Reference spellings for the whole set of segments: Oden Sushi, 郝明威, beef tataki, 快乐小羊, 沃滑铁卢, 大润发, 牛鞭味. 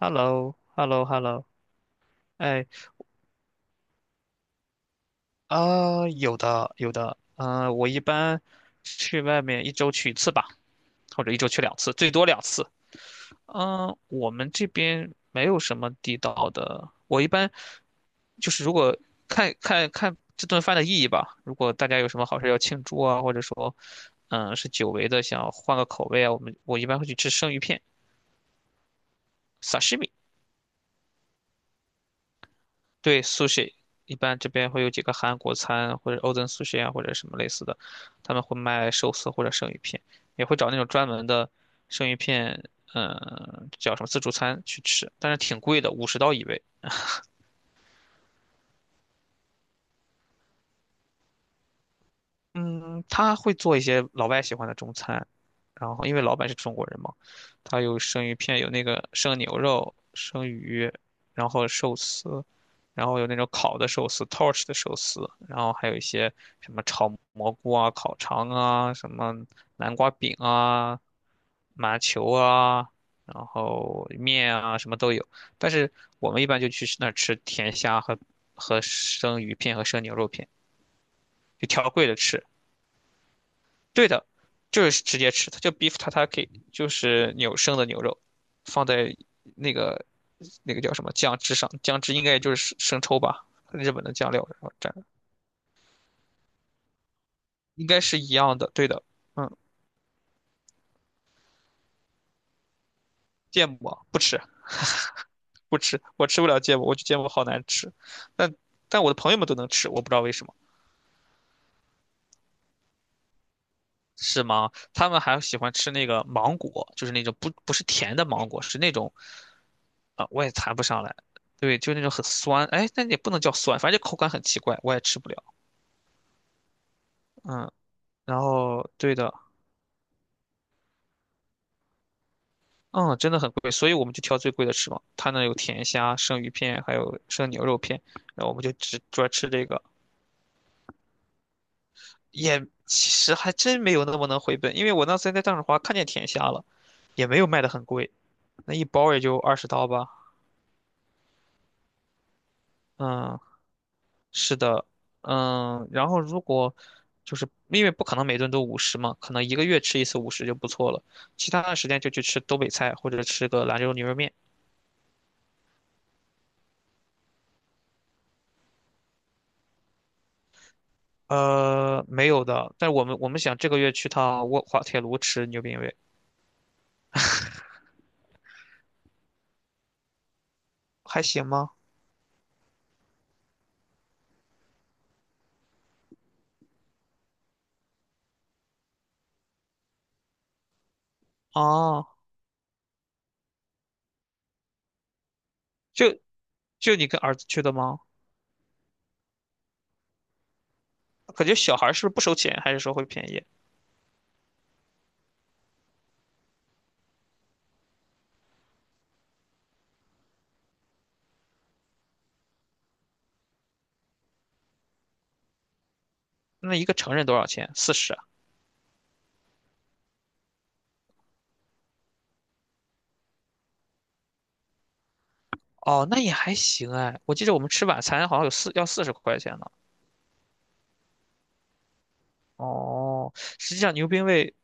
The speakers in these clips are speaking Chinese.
h e l l o h e l l o h e l l o 哎，啊、有的，有的，我一般去外面一周去一次吧，或者一周去两次，最多两次。我们这边没有什么地道的，我一般就是如果看看这顿饭的意义吧，如果大家有什么好事要庆祝啊，或者说，是久违的想换个口味啊，我一般会去吃生鱼片，sashimi。对，sushi，一般这边会有几个韩国餐或者 Oden Sushi 啊，或者什么类似的，他们会卖寿司或者生鱼片，也会找那种专门的生鱼片，叫什么自助餐去吃，但是挺贵的，50刀一位。嗯，他会做一些老外喜欢的中餐，然后因为老板是中国人嘛，他有生鱼片，有那个生牛肉、生鱼，然后寿司，然后有那种烤的寿司、torch 的寿司，然后还有一些什么炒蘑菇啊、烤肠啊、什么南瓜饼啊、麻球啊，然后面啊，什么都有。但是我们一般就去那儿吃甜虾和生鱼片和生牛肉片，就挑贵的吃。对的，就是直接吃，它叫 beef tataki，就是牛生的牛肉，放在那个那个叫什么酱汁上，酱汁应该也就是生抽吧，日本的酱料，然后蘸，应该是一样的。对的，嗯，芥末不吃，不吃，我吃不了芥末，我觉得芥末好难吃，但但我的朋友们都能吃，我不知道为什么。是吗？他们还喜欢吃那个芒果，就是那种不是甜的芒果，是那种啊，我也谈不上来。对，就那种很酸，哎，那也不能叫酸，反正就口感很奇怪，我也吃不了。嗯，然后对的，嗯，真的很贵，所以我们就挑最贵的吃嘛。他那有甜虾、生鱼片，还有生牛肉片，然后我们就只专吃这个，也其实还真没有那么能回本，因为我那次在大润发看见甜虾了，也没有卖的很贵，那一包也就二十刀吧。嗯，是的，然后如果就是因为不可能每顿都五十嘛，可能一个月吃一次五十就不错了，其他的时间就去吃东北菜或者吃个兰州牛肉面。没有的，但是我们想这个月去趟滑铁卢吃牛鞭味，还行吗？哦，就就你跟儿子去的吗？感觉小孩儿是不是不收钱，还是说会便宜？那一个成人多少钱？四十啊。哦，那也还行哎，我记得我们吃晚餐好像有四十块钱呢。哦，实际上牛鞭味。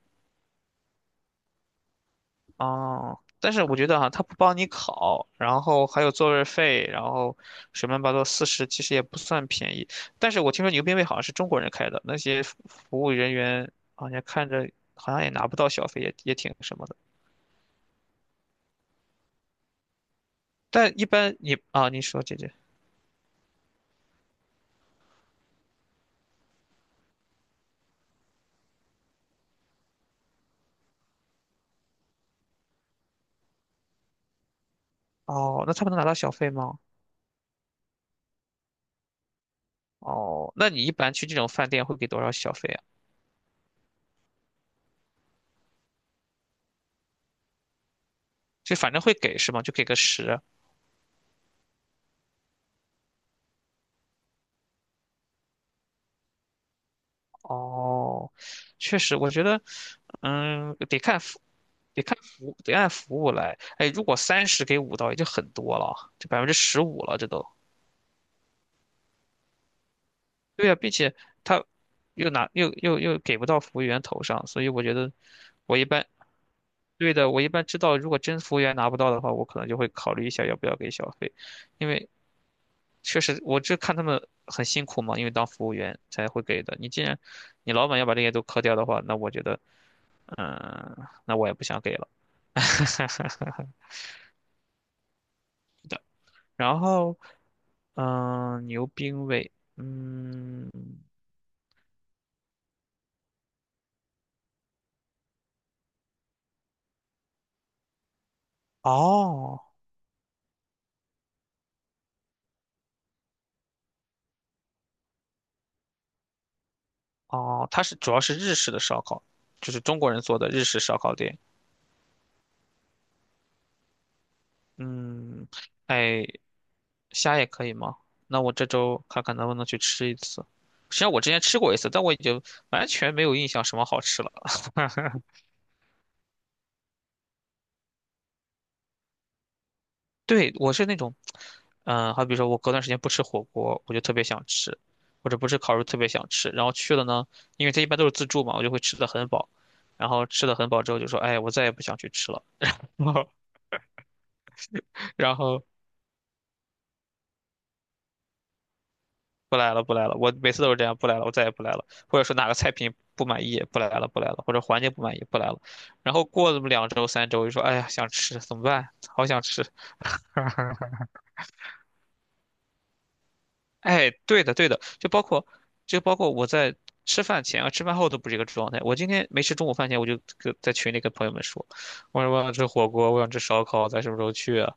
哦，但是我觉得哈、他不帮你考，然后还有座位费，然后水么乱七八道四十，其实也不算便宜。但是我听说牛鞭位好像是中国人开的，那些服务人员好像看着好像也拿不到小费，也挺什么的。但一般你啊，你说姐姐，哦，那他们能拿到小费吗？哦，那你一般去这种饭店会给多少小费啊？就反正会给是吗？就给个十。哦，确实，我觉得，嗯，得看，得看服务得按服务来。哎，如果三十给五刀已经很多了，这15%了，这都。对呀，并且他又拿又又又给不到服务员头上，所以我觉得我一般对的，我一般知道，如果真服务员拿不到的话，我可能就会考虑一下要不要给小费，因为确实我这看他们很辛苦嘛，因为当服务员才会给的。你既然你老板要把这些都磕掉的话，那我觉得，嗯，那我也不想给了。然后，牛冰味，哦哦，它是主要是日式的烧烤，就是中国人做的日式烧烤店。嗯，哎，虾也可以吗？那我这周看看能不能去吃一次。实际上我之前吃过一次，但我已经完全没有印象什么好吃了。对，我是那种，好比说我隔段时间不吃火锅，我就特别想吃，或者不吃烤肉特别想吃，然后去了呢，因为它一般都是自助嘛，我就会吃的很饱，然后吃的很饱之后就说，哎，我再也不想去吃了，然后然后不来了不来了，我每次都是这样，不来了，我再也不来了，或者说哪个菜品不满意，不来了不来了，或者环境不满意不来了，然后过了这么两周三周，就说，哎呀，想吃怎么办？好想吃。哎，对的，对的，就包括我在吃饭前啊、吃饭后都不是一个状态。我今天没吃中午饭前，我就跟在群里跟朋友们说，我说我想吃火锅，我想吃烧烤，咱什么时候去啊？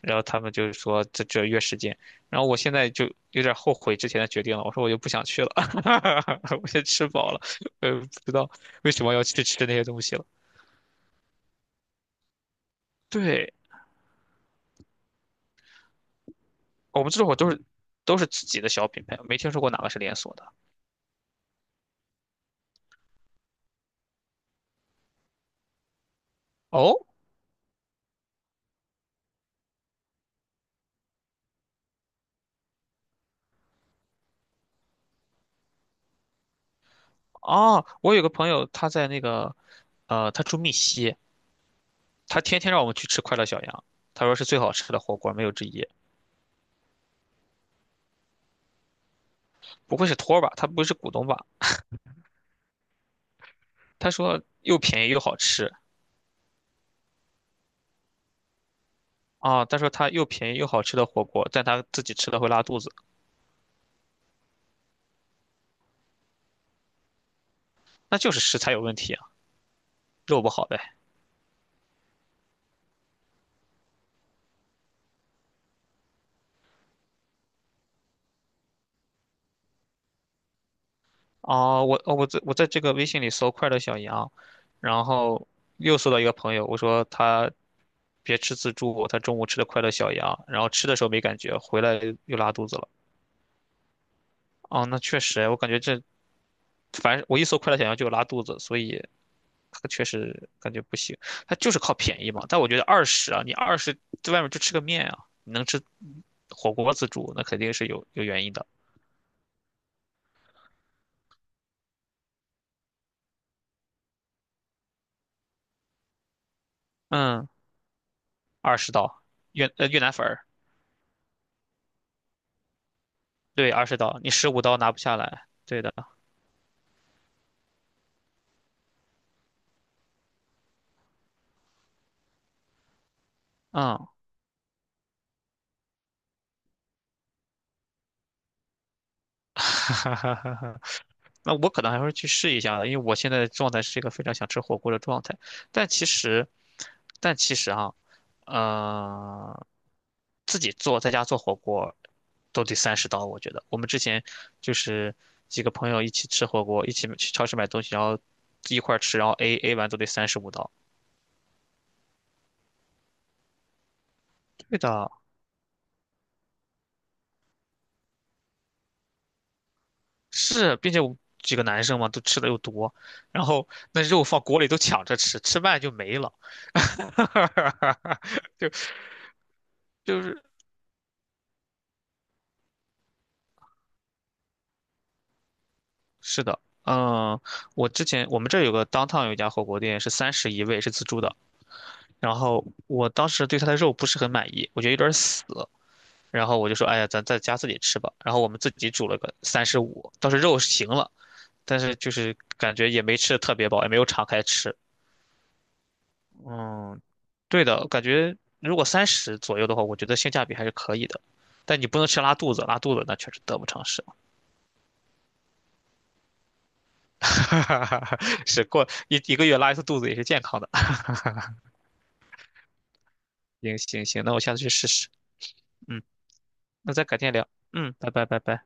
然后他们就是说这约时间，然后我现在就有点后悔之前的决定了，我说我就不想去了，我先吃饱了，我也不知道为什么要去吃那些东西了。对，我们这会儿都是自己的小品牌，没听说过哪个是连锁的。哦，哦，我有个朋友，他在那个，他住密西，他天天让我们去吃快乐小羊，他说是最好吃的火锅，没有之一。不会是托儿吧？他不会是股东吧？他说又便宜又好吃啊，他说他又便宜又好吃的火锅，但他自己吃了会拉肚子，那就是食材有问题啊，肉不好呗。哦，我在这个微信里搜快乐小羊，然后又搜到一个朋友，我说他别吃自助，他中午吃的快乐小羊，然后吃的时候没感觉，回来又拉肚子了。哦，那确实，我感觉这，反正我一搜快乐小羊就有拉肚子，所以它确实感觉不行。它就是靠便宜嘛，但我觉得二十啊，你二十在外面就吃个面啊，你能吃火锅自助，那肯定是有原因的。嗯，二十刀，越南粉儿，对，二十刀，你十五刀拿不下来，对的，嗯，哈哈哈哈。那我可能还会去试一下的因为我现在的状态是一个非常想吃火锅的状态。但其实，但其实啊，呃，自己做在家做火锅都得30刀，我觉得。我们之前就是几个朋友一起吃火锅，一起去超市买东西，然后一块儿吃，然后 AA 完都得35刀。对的，是，并且我几个男生嘛，都吃的又多，然后那肉放锅里都抢着吃，吃慢就没了。就就是。是的，嗯，我之前我们这儿有个 downtown 有一家火锅店是三十一位，是自助的。然后我当时对它的肉不是很满意，我觉得有点死。然后我就说，哎呀，咱在家自己吃吧。然后我们自己煮了个三十五，倒是肉是行了，但是就是感觉也没吃的特别饱，也没有敞开吃。嗯，对的，感觉如果三十左右的话，我觉得性价比还是可以的。但你不能吃拉肚子，拉肚子那确实得不偿失。是过一个月拉一次肚子也是健康的。行行行，那我下次去试试。嗯，那再改天聊。嗯，拜拜拜拜。